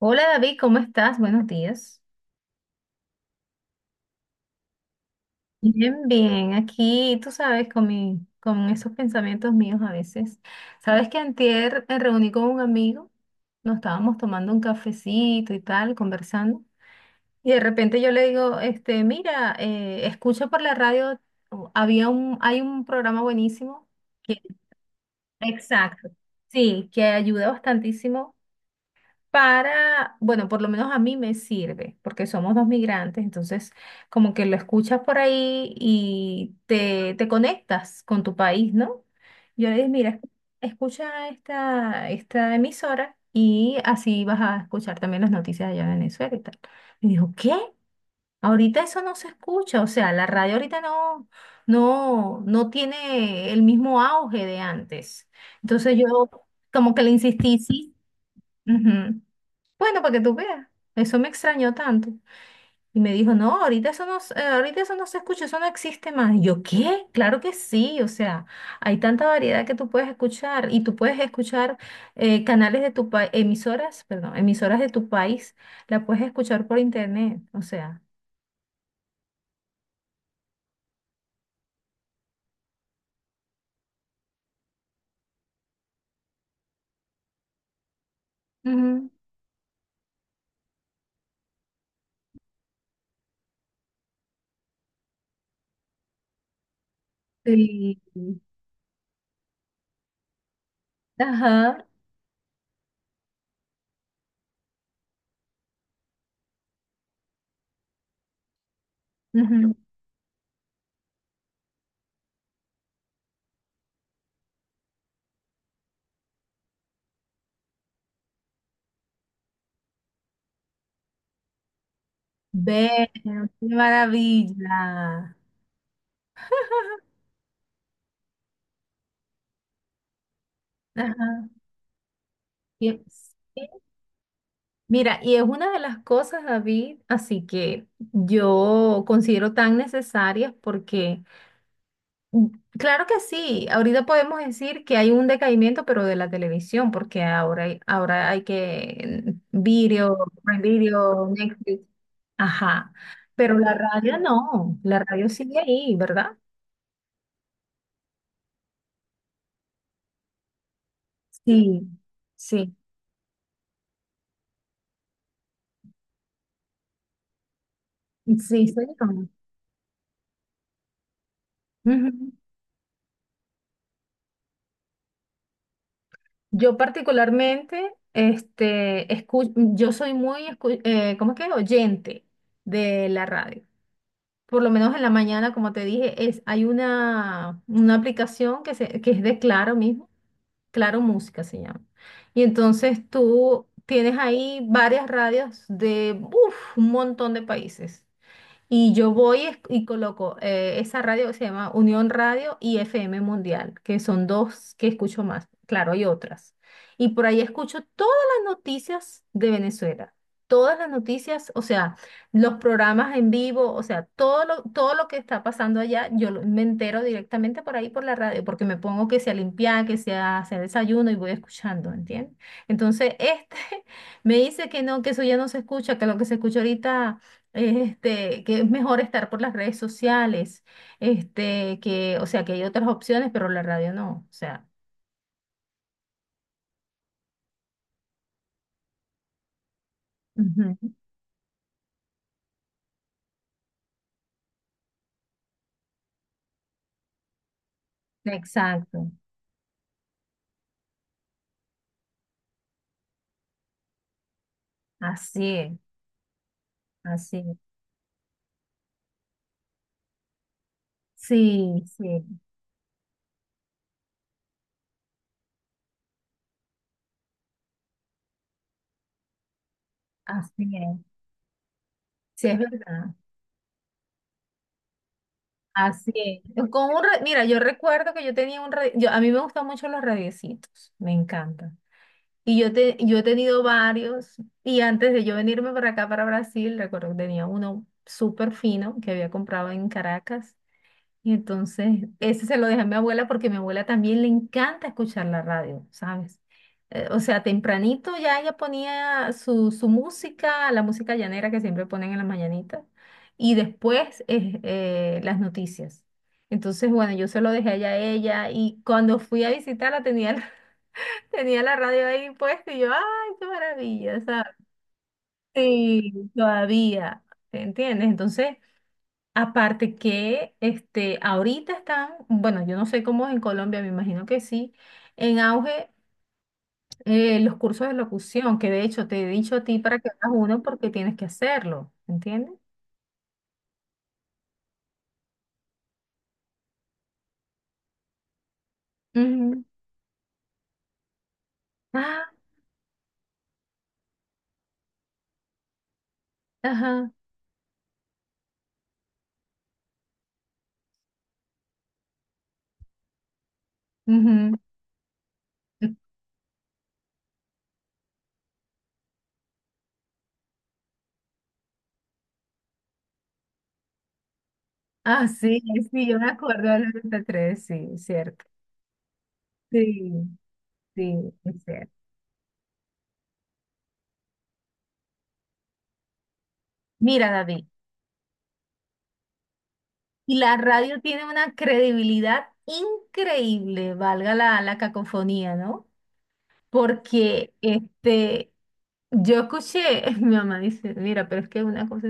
Hola David, ¿cómo estás? Buenos días. Bien, bien. Aquí, tú sabes, con con esos pensamientos míos a veces. Sabes que antier me reuní con un amigo, nos estábamos tomando un cafecito y tal, conversando. Y de repente yo le digo, mira, escucha por la radio, hay un programa buenísimo que, exacto, sí, que ayuda bastantísimo para, bueno, por lo menos a mí me sirve, porque somos dos migrantes, entonces como que lo escuchas por ahí y te conectas con tu país, ¿no? Yo le dije, mira, escucha esta emisora y así vas a escuchar también las noticias allá en Venezuela y tal. Y dijo, ¿qué? Ahorita eso no se escucha, o sea, la radio ahorita no tiene el mismo auge de antes. Entonces yo como que le insistí, sí. Ujú. Bueno, para que tú veas, eso me extrañó tanto. Y me dijo, no, ahorita eso no, ahorita eso no se escucha, eso no existe más. Y yo, ¿qué? Claro que sí, o sea, hay tanta variedad que tú puedes escuchar y tú puedes escuchar canales de tu país, emisoras, perdón, emisoras de tu país, la puedes escuchar por internet, o sea. Ujú. Sí. Ajá. Ujú. Ve, qué maravilla. Ajá. Y- Mira, y es una de las cosas, David, así que yo considero tan necesarias porque, mm, claro que sí, ahorita podemos decir que hay un decaimiento, pero de la televisión, porque ahora hay que video, Prime Video, Netflix, ajá, pero la radio no, la radio sigue ahí, ¿verdad? Sí, sí, sí, soy yo. Ujú. Yo particularmente, yo soy muy, ¿cómo es que? Oyente de la radio. Por lo menos en la mañana, como te dije, es, hay una aplicación que, que es de Claro mismo, Claro Música se llama. Y entonces tú tienes ahí varias radios de uf, un montón de países. Y yo y coloco esa radio que se llama Unión Radio y FM Mundial, que son dos que escucho más. Claro, hay otras. Y por ahí escucho todas las noticias de Venezuela. Todas las noticias, o sea, los programas en vivo, o sea, todo lo que está pasando allá, me entero directamente por ahí por la radio, porque me pongo que sea limpiar, que sea hacer desayuno y voy escuchando, ¿entiendes? Entonces, me dice que no, que eso ya no se escucha, que lo que se escucha ahorita que es mejor estar por las redes sociales, que, o sea, que hay otras opciones, pero la radio no, o sea, ujú, exacto, así es, así es. Sí, sí, así es, sí es verdad, así es. Con un mira, yo recuerdo que yo tenía un radio, yo, a mí me gustan mucho los radiecitos, me encantan. Y yo he tenido varios, y antes de yo venirme para acá, para Brasil, recuerdo que tenía uno súper fino que había comprado en Caracas. Y entonces, ese se lo dejé a mi abuela porque a mi abuela también le encanta escuchar la radio, ¿sabes? O sea, tempranito ya ella ponía su música, la música llanera que siempre ponen en las mañanitas, y después las noticias. Entonces, bueno, yo se lo dejé allá a ella y cuando fui a visitarla tenía, tenía la radio ahí puesta y yo, ¡ay, qué maravilla! ¿Sabes? Sí, todavía, ¿te entiendes? Entonces. Aparte que ahorita están, bueno, yo no sé cómo es en Colombia, me imagino que sí, en auge los cursos de locución, que de hecho te he dicho a ti para que hagas uno porque tienes que hacerlo, ¿entiendes? Ujú. Ah, ajá. Ujú. Ah, sí, sí, yo me acuerdo del 93, sí, cierto. Sí, sí, es cierto. Mira, David, y la radio tiene una credibilidad increíble, valga la cacofonía, ¿no? Porque yo escuché, mi mamá dice, mira, pero es que una cosa,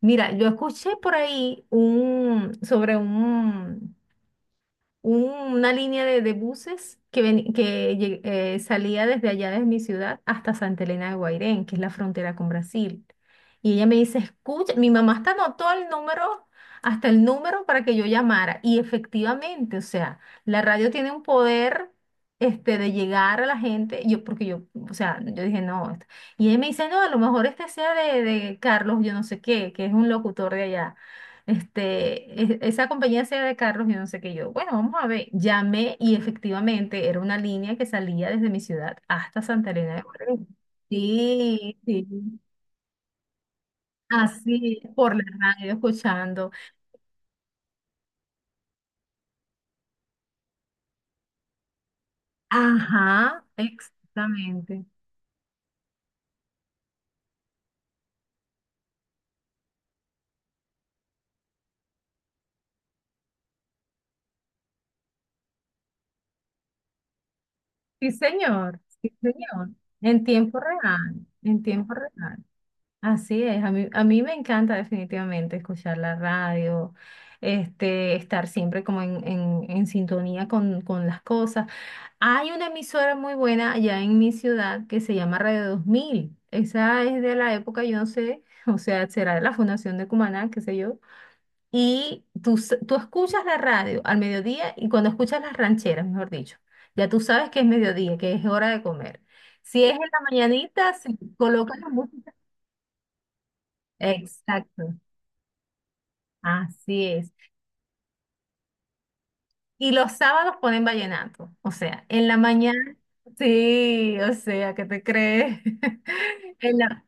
mira, yo escuché por ahí sobre un- una línea de buses que, salía desde allá, desde mi ciudad, hasta Santa Elena de Guairén, que es la frontera con Brasil. Y ella me dice, escucha, mi mamá hasta anotó el número, hasta el número para que yo llamara. Y efectivamente, o sea, la radio tiene un poder. De llegar a la gente, o sea, yo dije, no, esto-. Y ella me dice, no, a lo mejor este sea de Carlos, yo no sé qué, que es un locutor de allá esa compañía sea de carros y no sé qué yo. Bueno, vamos a ver. Llamé y efectivamente era una línea que salía desde mi ciudad hasta Santa Elena de Guardo. Sí, sí. Así, por la radio escuchando. Ajá, exactamente. Sí, señor, sí, señor. En tiempo real, en tiempo real. Así es, a mí me encanta definitivamente escuchar la radio, estar siempre como en sintonía con las cosas. Hay una emisora muy buena allá en mi ciudad que se llama Radio Dos Mil. Esa es de la época, yo no sé, o sea, será de la Fundación de Cumaná, qué sé yo. Y tú escuchas la radio al mediodía y cuando escuchas las rancheras, mejor dicho, ya tú sabes que es mediodía, que es hora de comer. Si es en la mañanita, se colocan la música. Exacto, así es. Y los sábados ponen vallenato, o sea, en la mañana, sí, o sea, ¿qué te crees? en la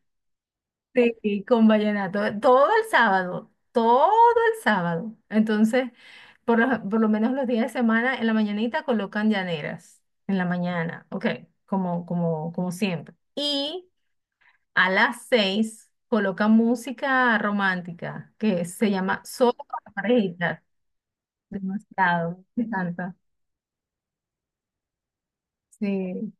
sí, con vallenato, todo el sábado, todo el sábado. Entonces, por lo menos los días de semana, en la mañanita colocan llaneras, en la mañana, ok, como siempre. Y a las seis colocan música romántica, que se llama Solo para parejitas. Demasiado, me encanta. Sí,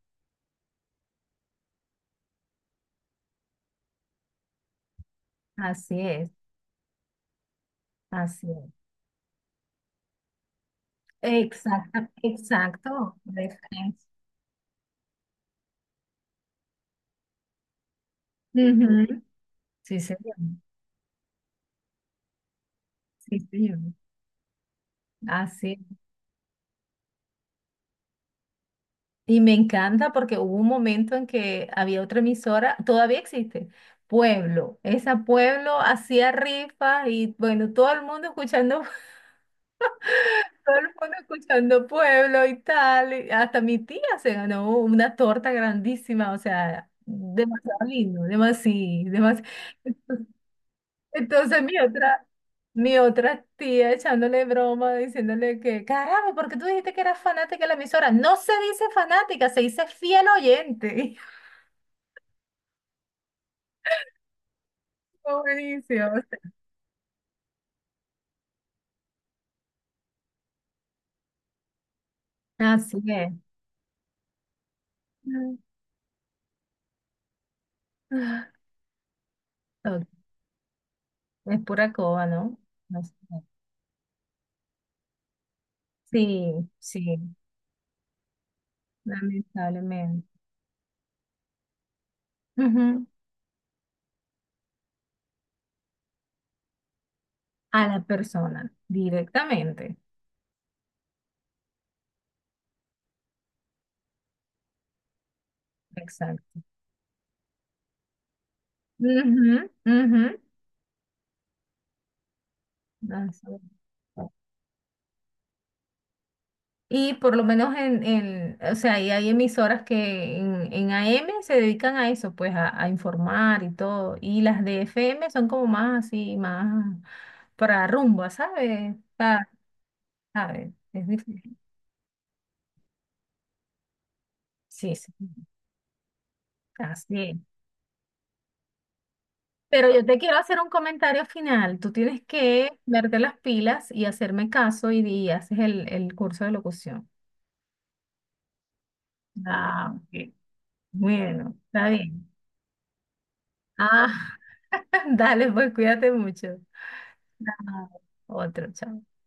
así es, así es. Exacto, exacto. De Friends. Ujú, sí, señor. Sí, señor. Ah, sí. Y me encanta porque hubo un momento en que había otra emisora, todavía existe, Pueblo. Esa Pueblo hacía rifas y bueno, todo el mundo escuchando, todo el mundo escuchando Pueblo y tal. Y hasta mi tía se ganó una torta grandísima, o sea, demasiado lindo, demasiado, demasiado. Entonces mi otra tía echándole broma, diciéndole que, caramba, ¿por qué tú dijiste que eras fanática de la emisora? No se dice fanática, se dice fiel oyente. Buenísimo. Así es. Ah, ok. Es pura coba, ¿no? No sé. Sí, sí, lamentablemente. Ujú. A la persona, directamente. Exacto. Ujú, ujú. Así es. Y por lo menos en o sea, y hay emisoras que en AM se dedican a eso, pues a informar y todo. Y las de FM son como más así, más para rumba, ¿sabes? A ver, es difícil. Sí, sí, así es. Pero yo te quiero hacer un comentario final. Tú tienes que verte las pilas y hacerme caso y haces el curso de locución. Ah, ok. Bueno, está bien. Ah, dale, pues cuídate mucho. Ah, otro, chao.